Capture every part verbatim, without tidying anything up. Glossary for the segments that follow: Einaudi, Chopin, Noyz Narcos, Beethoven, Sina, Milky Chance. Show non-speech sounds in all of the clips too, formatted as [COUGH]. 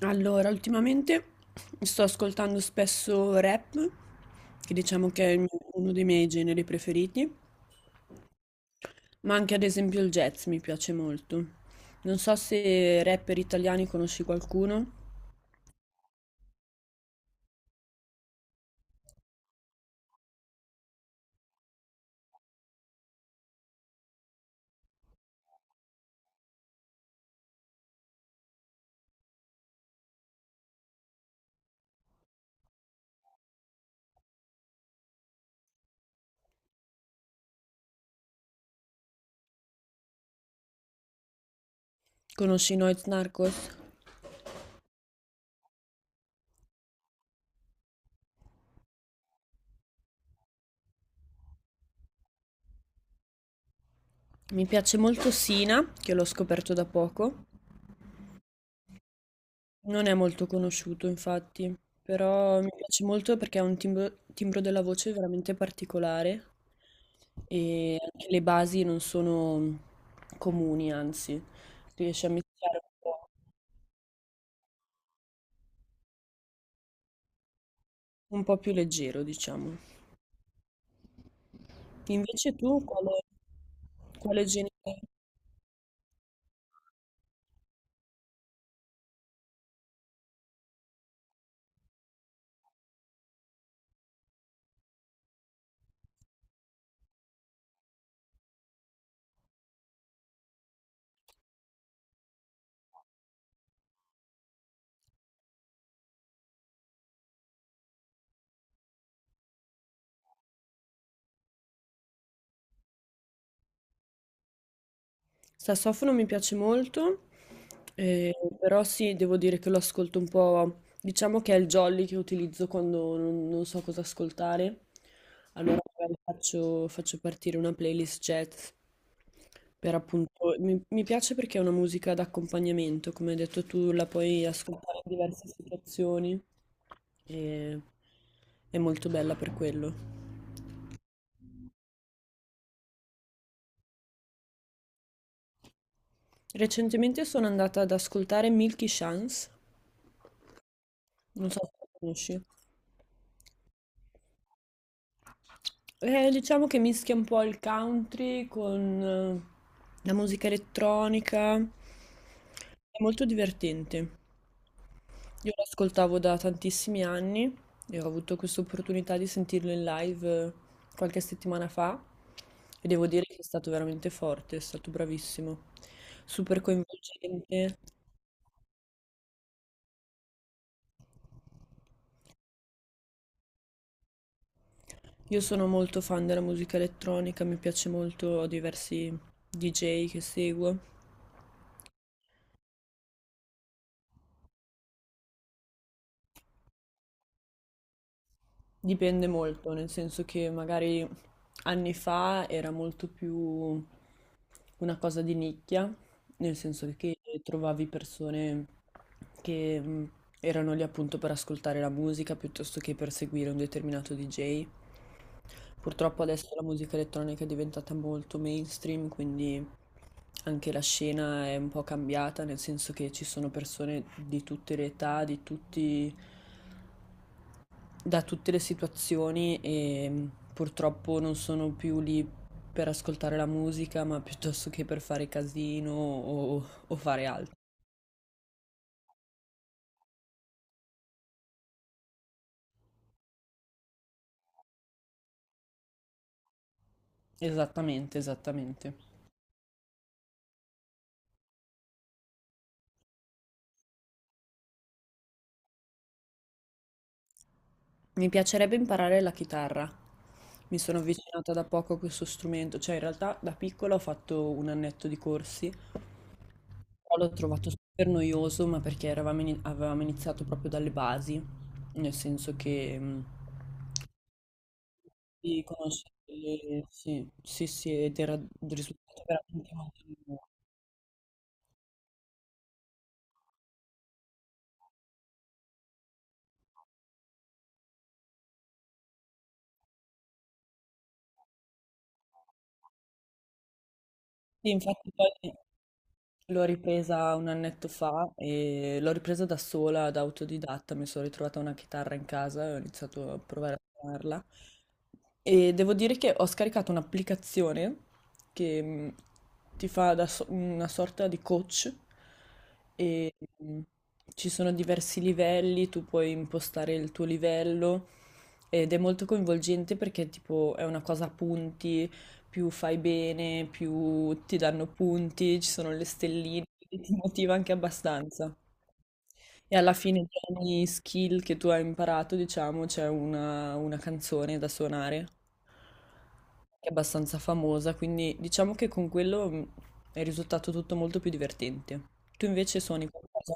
Allora, ultimamente sto ascoltando spesso rap, che diciamo che è il mio- uno dei miei generi preferiti, ma anche ad esempio il jazz mi piace molto. Non so se rapper italiani conosci qualcuno, conosci Noyz Narcos? Mi piace molto Sina, che l'ho scoperto da poco. Non è molto conosciuto, infatti, però mi piace molto perché ha un timbro, timbro della voce veramente particolare, e anche le basi non sono comuni, anzi, riesce a mischiare un po', un po' più leggero, diciamo. Invece tu quale, quale genere? Sassofono mi piace molto, eh, però sì, devo dire che lo ascolto un po', diciamo che è il jolly che utilizzo quando non, non so cosa ascoltare, allora magari faccio, faccio partire una playlist jazz, per appunto, mi, mi piace perché è una musica d'accompagnamento, come hai detto tu, la puoi ascoltare in diverse situazioni e è molto bella per quello. Recentemente sono andata ad ascoltare Milky Chance, non so se la conosci. Eh, diciamo che mischia un po' il country con eh, la musica elettronica. È molto divertente. Io lo ascoltavo da tantissimi anni e ho avuto questa opportunità di sentirlo in live eh, qualche settimana fa, e devo dire che è stato veramente forte, è stato bravissimo, super coinvolgente. Io sono molto fan della musica elettronica, mi piace molto, ho diversi D J che seguo. Dipende molto, nel senso che magari anni fa era molto più una cosa di nicchia, nel senso che trovavi persone che mh, erano lì appunto per ascoltare la musica piuttosto che per seguire un determinato D J. Purtroppo adesso la musica elettronica è diventata molto mainstream, quindi anche la scena è un po' cambiata, nel senso che ci sono persone di tutte le età, di tutti da tutte le situazioni e mm, purtroppo non sono più lì per ascoltare la musica, ma [LAUGHS] piuttosto che per fare casino o, o fare altro. Esattamente, esattamente. Mi piacerebbe imparare la chitarra. Mi sono avvicinata da poco a questo strumento, cioè in realtà da piccola ho fatto un annetto di corsi, però l'ho trovato super noioso, ma perché eravamo ini- avevamo iniziato proprio dalle basi, nel senso che mh, di conoscerli, sì, sì, sì, ed era un risultato veramente molto buono. Sì, infatti poi l'ho ripresa un annetto fa e l'ho ripresa da sola, da autodidatta, mi sono ritrovata una chitarra in casa e ho iniziato a provare a suonarla. E devo dire che ho scaricato un'applicazione che mh, ti fa da so- una sorta di coach e mh, ci sono diversi livelli, tu puoi impostare il tuo livello ed è molto coinvolgente perché tipo è una cosa a punti, più fai bene, più ti danno punti, ci sono le stelline, quindi ti motiva anche abbastanza. E alla fine tra ogni skill che tu hai imparato, diciamo, c'è una, una canzone da suonare, che è abbastanza famosa, quindi diciamo che con quello mh, è risultato tutto molto più divertente. Tu invece suoni qualcosa?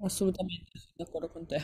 Assolutamente, sono d'accordo con te.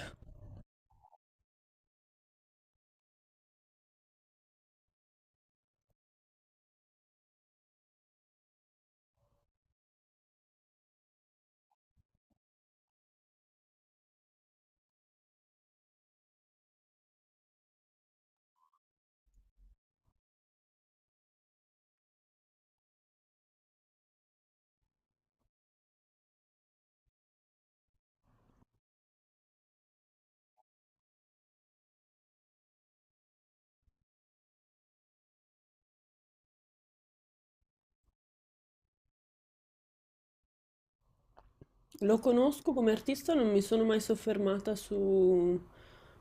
Lo conosco come artista, non mi sono mai soffermata su-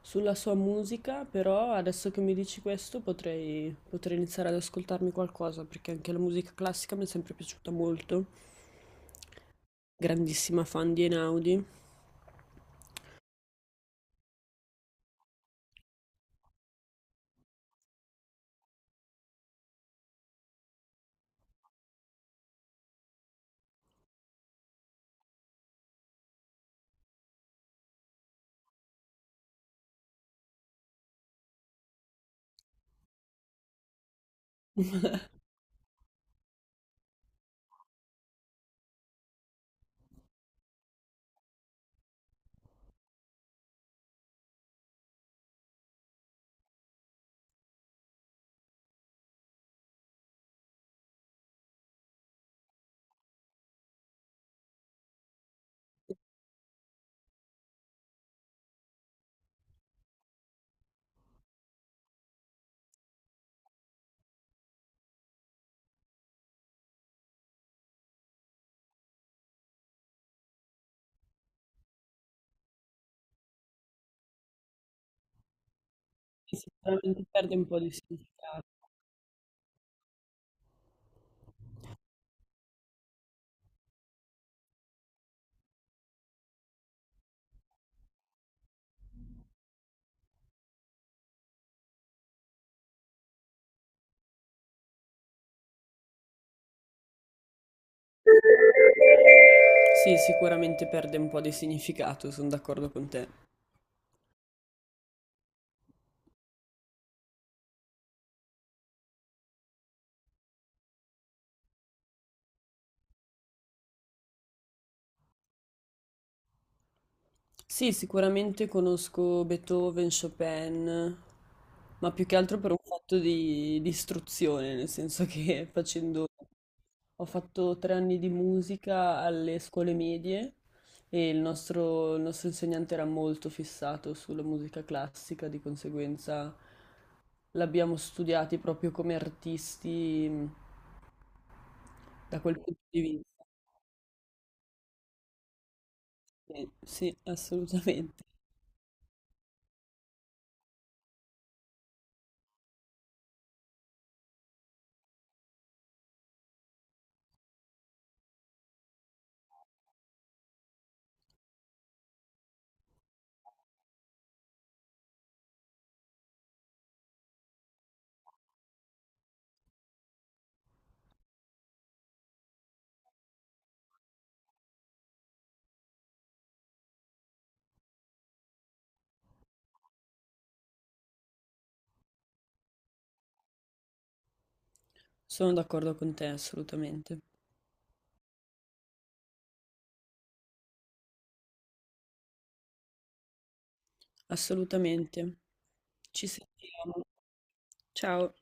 sulla sua musica, però adesso che mi dici questo potrei, potrei iniziare ad ascoltarmi qualcosa, perché anche la musica classica mi è sempre piaciuta molto. Grandissima fan di Einaudi. Che sicuramente perde un po' di significato. Sì, sicuramente perde un po' di significato, sono d'accordo con te. Sì, sicuramente conosco Beethoven, Chopin, ma più che altro per un fatto di, di istruzione, nel senso che [LAUGHS] facendo, ho fatto tre anni di musica alle scuole medie e il nostro, il nostro insegnante era molto fissato sulla musica classica, di conseguenza l'abbiamo studiati proprio come artisti mh, da quel punto di vista. Sì, sì, assolutamente. Sono d'accordo con te, assolutamente. Assolutamente. Ci sentiamo. Ciao.